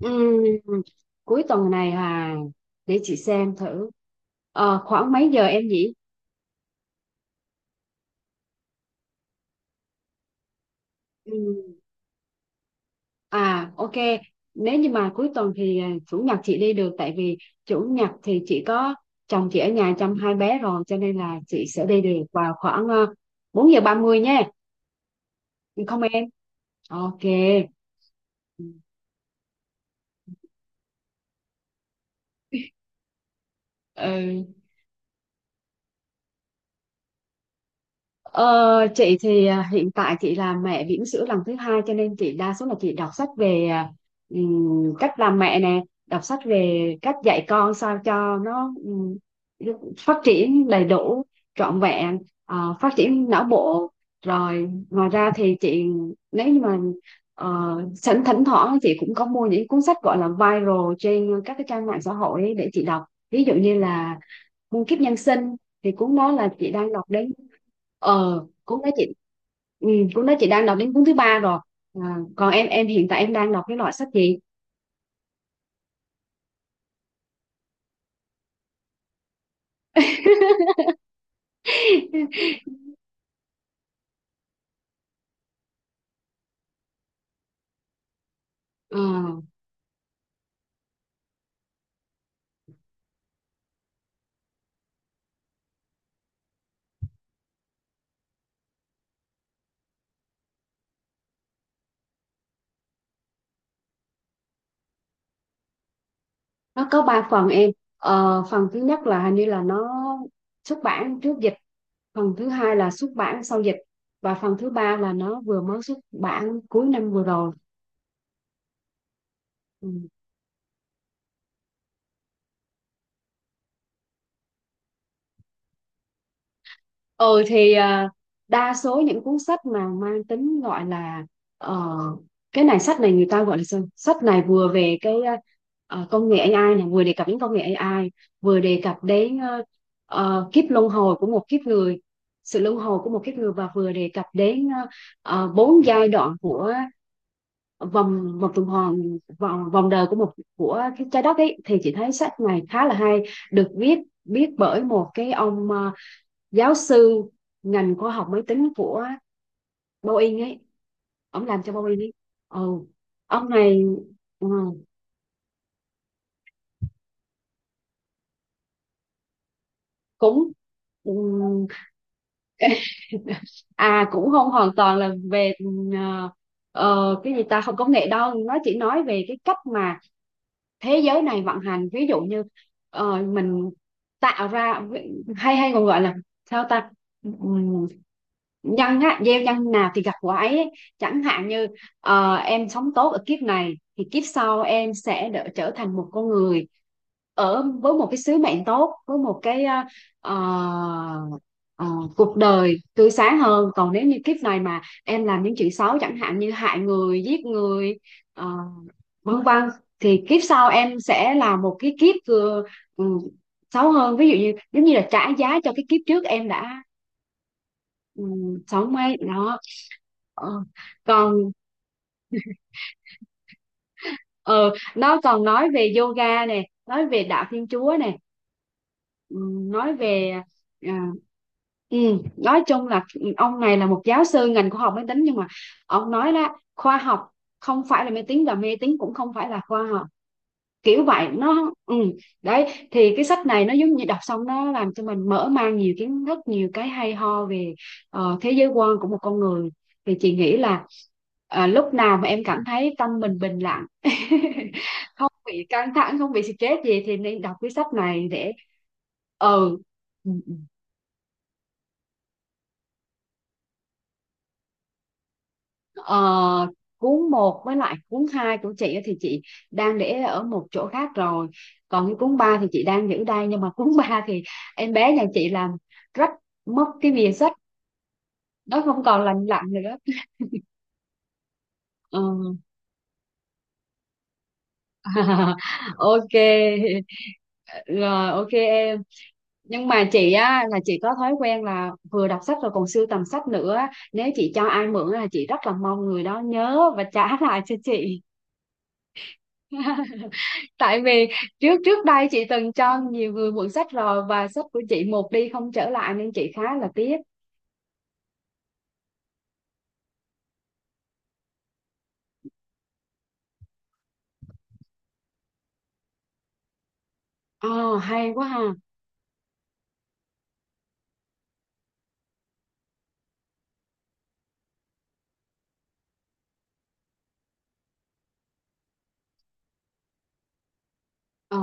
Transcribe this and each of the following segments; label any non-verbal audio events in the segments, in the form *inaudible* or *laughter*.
Ừm, Cuối tuần này à, để chị xem thử. Khoảng mấy giờ em nhỉ? Ừm, ok, nếu như mà cuối tuần thì chủ nhật chị đi được, tại vì chủ nhật thì chị có chồng chị ở nhà chăm hai bé rồi, cho nên là chị sẽ đi được vào khoảng 4 giờ 30 nhé, không em? Ok. Ừ. Ờ, chị thì hiện tại chị là mẹ bỉm sữa lần thứ hai, cho nên chị đa số là chị đọc sách về cách làm mẹ nè, đọc sách về cách dạy con sao cho nó phát triển đầy đủ, trọn vẹn, phát triển não bộ. Rồi ngoài ra thì chị, nếu như mà sẵn, thỉnh thoảng chị cũng có mua những cuốn sách gọi là viral trên các cái trang mạng xã hội ấy để chị đọc. Ví dụ như là Muôn kiếp nhân sinh, thì cuốn đó là chị đang đọc đến, cũng nói chị, ừ, cũng nói chị đang đọc đến cuốn thứ ba rồi. À, còn em hiện tại em đang đọc cái loại sách gì? *laughs* Ờ, nó có ba phần em. Ờ, phần thứ nhất là hình như là nó xuất bản trước dịch, phần thứ hai là xuất bản sau dịch, và phần thứ ba là nó vừa mới xuất bản cuối năm vừa rồi. Ừ. ừ thì đa số những cuốn sách mà mang tính gọi là ờ, cái này, sách này người ta gọi là sao? Sách này vừa về cái công nghệ AI này, vừa đề cập đến công nghệ AI, vừa đề cập đến kiếp luân hồi của một kiếp người, sự luân hồi của một kiếp người, và vừa đề cập đến bốn giai đoạn của vòng vòng tuần hoàn, vòng vòng đời của một, của cái trái đất ấy, thì chị thấy sách này khá là hay. Được viết, viết bởi một cái ông giáo sư ngành khoa học máy tính của Boeing ấy, ông làm cho Boeing ấy. Ừ, ông này. ừ, cũng ừ, *laughs* À, cũng không hoàn toàn là về ờ, cái gì ta, không công nghệ đâu, nó chỉ nói về cái cách mà thế giới này vận hành. Ví dụ như mình tạo ra, hay hay còn gọi là sao ta, Ừm, nhân á, gieo nhân nào thì gặt quả ấy ấy. Chẳng hạn như em sống tốt ở kiếp này thì kiếp sau em sẽ đỡ, trở thành một con người ở với một cái sứ mệnh tốt, với một cái ờ, ờ, cuộc đời tươi sáng hơn. Còn nếu như kiếp này mà em làm những chuyện xấu, chẳng hạn như hại người, giết người, ờ, vâng vâng, thì kiếp sau em sẽ là một cái kiếp vừa ừ, xấu hơn, ví dụ như giống như là trả giá cho cái kiếp trước em đã ừ, sống ấy đó. Ờ, còn ờ Nó còn nói về yoga nè, nói về đạo Thiên Chúa nè, ừ, nói về, à, ừ, nói chung là ông này là một giáo sư ngành khoa học máy tính, nhưng mà ông nói là khoa học không phải là máy tính, và mê tín cũng không phải là khoa học, kiểu vậy nó. Ừ, đấy. Thì cái sách này nó giống như đọc xong nó làm cho mình mở mang nhiều kiến thức, nhiều cái hay ho về thế giới quan của một con người. Thì chị nghĩ là lúc nào mà em cảm thấy tâm mình bình lặng, *laughs* không bị căng thẳng, không bị stress gì, thì nên đọc cái sách này để. Ừ. Ờ, cuốn một với lại cuốn 2 của chị á thì chị đang để ở một chỗ khác rồi, còn cái cuốn 3 thì chị đang giữ đây, nhưng mà *laughs* cuốn 3 thì em bé nhà chị làm rách mất cái bìa sách, nó không còn lành lặn nữa. Ờ, *laughs* ok, rồi ok em. Nhưng mà chị á là chị có thói quen là vừa đọc sách rồi còn sưu tầm sách nữa á. Nếu chị cho ai mượn á, là chị rất là mong người đó nhớ và trả *laughs* lại cho chị. *laughs* Tại vì trước trước đây chị từng cho nhiều người mượn sách rồi, và sách của chị một đi không trở lại, nên chị khá là tiếc. Ờ, hay quá ha. Ờ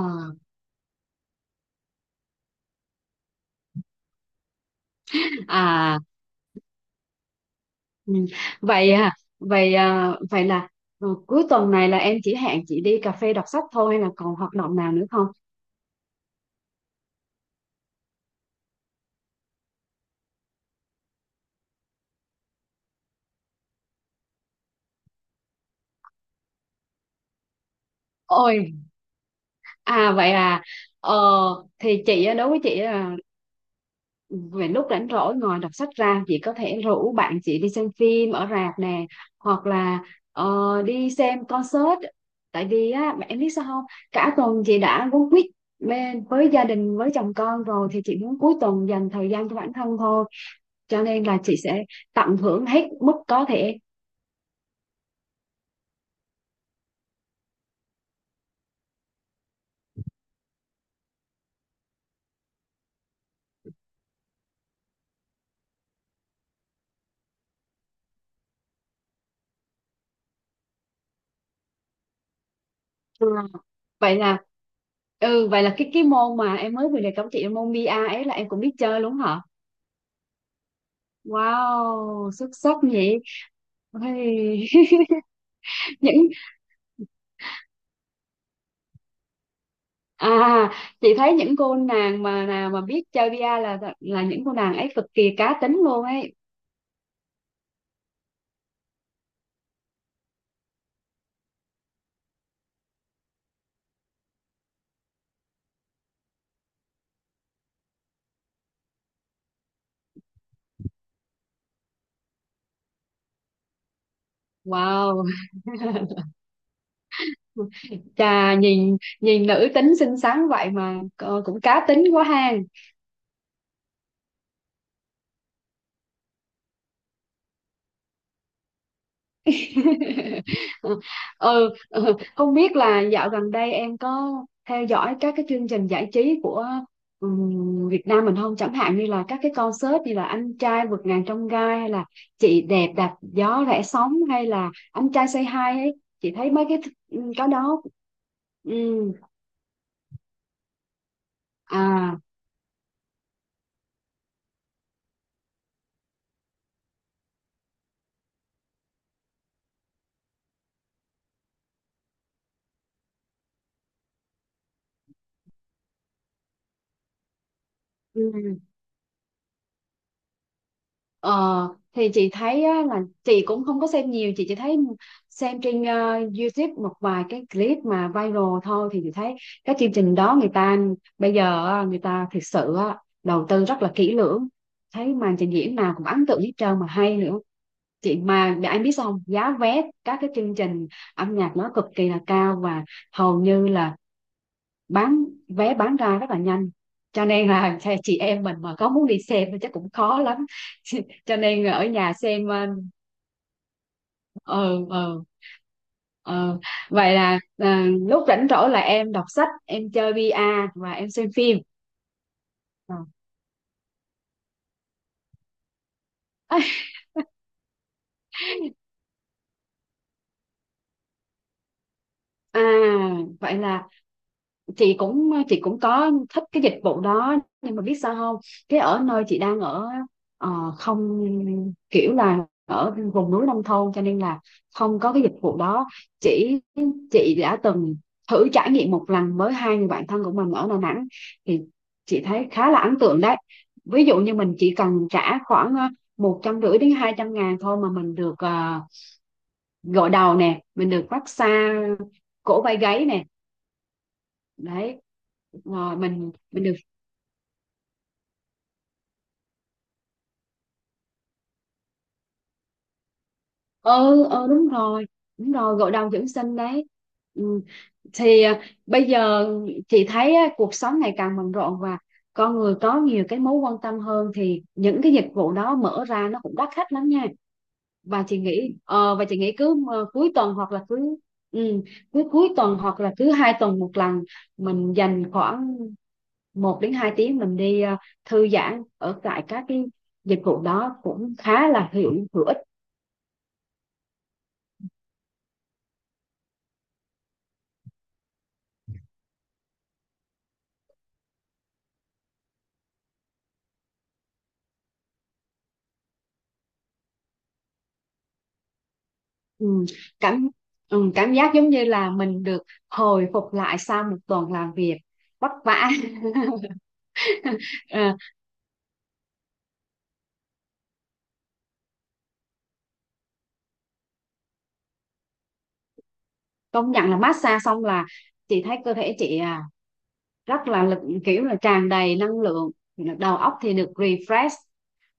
à ừ. Vậy à, vậy à, vậy là cuối tuần này là em chỉ hẹn chị đi cà phê đọc sách thôi, hay là còn hoạt động nào nữa không? Ôi, vậy à. Ờ thì chị á, đối với chị á, về lúc rảnh rỗi, ngoài đọc sách ra chị có thể rủ bạn chị đi xem phim ở rạp nè, hoặc là ờ, đi xem concert. Tại vì á em biết sao không, cả tuần chị đã quấn quýt bên với gia đình, với chồng con rồi, thì chị muốn cuối tuần dành thời gian cho bản thân thôi, cho nên là chị sẽ tận hưởng hết mức có thể. Ừ. Vậy là vậy là cái môn mà em mới vừa đề cập chị, môn bi-a ấy, là em cũng biết chơi luôn hả? Wow, xuất sắc nhỉ. Ôi, *laughs* những, À, chị thấy những cô nàng nào mà biết chơi VR là những cô nàng ấy cực kỳ cá tính luôn ấy. Wow, *laughs* chà, nhìn nhìn nữ tính xinh xắn vậy mà cũng cá tính quá ha. *laughs* Ừ Không biết là dạo gần đây em có theo dõi các cái chương trình giải trí của Việt Nam mình không, chẳng hạn như là các cái concert như là Anh Trai Vượt Ngàn Trong Gai, hay là Chị Đẹp Đạp Gió Rẽ Sóng, hay là Anh Trai Say Hi ấy, chị thấy mấy cái cái đó. ừ à ừ. Ờ, thì chị thấy á, là chị cũng không có xem nhiều, chị chỉ thấy xem trên YouTube một vài cái clip mà viral thôi, thì chị thấy các chương trình đó người ta bây giờ á, người ta thực sự á, đầu tư rất là kỹ lưỡng, thấy màn trình diễn nào cũng ấn tượng hết trơn mà hay nữa. Chị mà để anh biết sao không, giá vé các cái chương trình âm nhạc nó cực kỳ là cao, và hầu như là bán vé bán ra rất là nhanh, cho nên là chị em mình mà có muốn đi xem thì chắc cũng khó lắm. *laughs* Cho nên ở nhà xem. Ờ ờ ờ ờ. Vậy là lúc rảnh rỗi là em đọc sách, em chơi VR và em xem phim. Ờ. *laughs* à Vậy là chị cũng, chị cũng có thích cái dịch vụ đó, nhưng mà biết sao không, cái ở nơi chị đang ở ờ, không, kiểu là ở vùng núi nông thôn, cho nên là không có cái dịch vụ đó. Chỉ chị đã từng thử trải nghiệm một lần với hai người bạn thân của mình ở Đà Nẵng, thì chị thấy khá là ấn tượng đấy. Ví dụ như mình chỉ cần trả khoảng một trăm rưỡi đến 200 ngàn thôi, mà mình được gội đầu nè, mình được massage cổ vai gáy nè, đấy, rồi mình được. Ừ Đúng rồi, đúng rồi, gội đầu dưỡng sinh đấy. Ừ. Thì bây giờ chị thấy á, cuộc sống ngày càng bận rộn, và con người có nhiều cái mối quan tâm hơn, thì những cái dịch vụ đó mở ra nó cũng đắt khách lắm nha. Và chị nghĩ cứ cuối tuần hoặc là cứ ừ, cứ cuối tuần hoặc là cứ hai tuần một lần, mình dành khoảng một đến 2 tiếng mình đi thư giãn ở tại các cái dịch vụ đó cũng khá là hữu hữu ích. ừ, cảm Cảm giác giống như là mình được hồi phục lại sau một tuần làm việc vất vả. *laughs* Ờ, công nhận là massage xong là chị thấy cơ thể chị rất là lực, kiểu là tràn đầy năng lượng, đầu óc thì được refresh,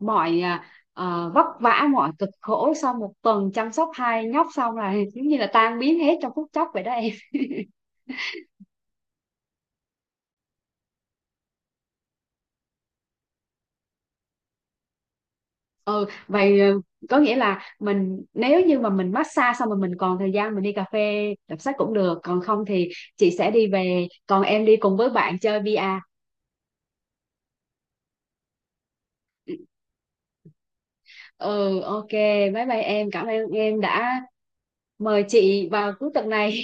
mọi à, vất vả mọi cực khổ sau một tuần chăm sóc hai nhóc xong là giống như là tan biến hết trong phút chốc vậy đó em. *laughs* Ừ Vậy có nghĩa là mình, nếu như mà mình massage xong rồi mình còn thời gian, mình đi cà phê đọc sách cũng được, còn không thì chị sẽ đi về, còn em đi cùng với bạn chơi VR. Ừ, ok, bye bye em, cảm ơn em đã mời chị vào cuối tuần này.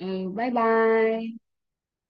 Ừ, bye bye.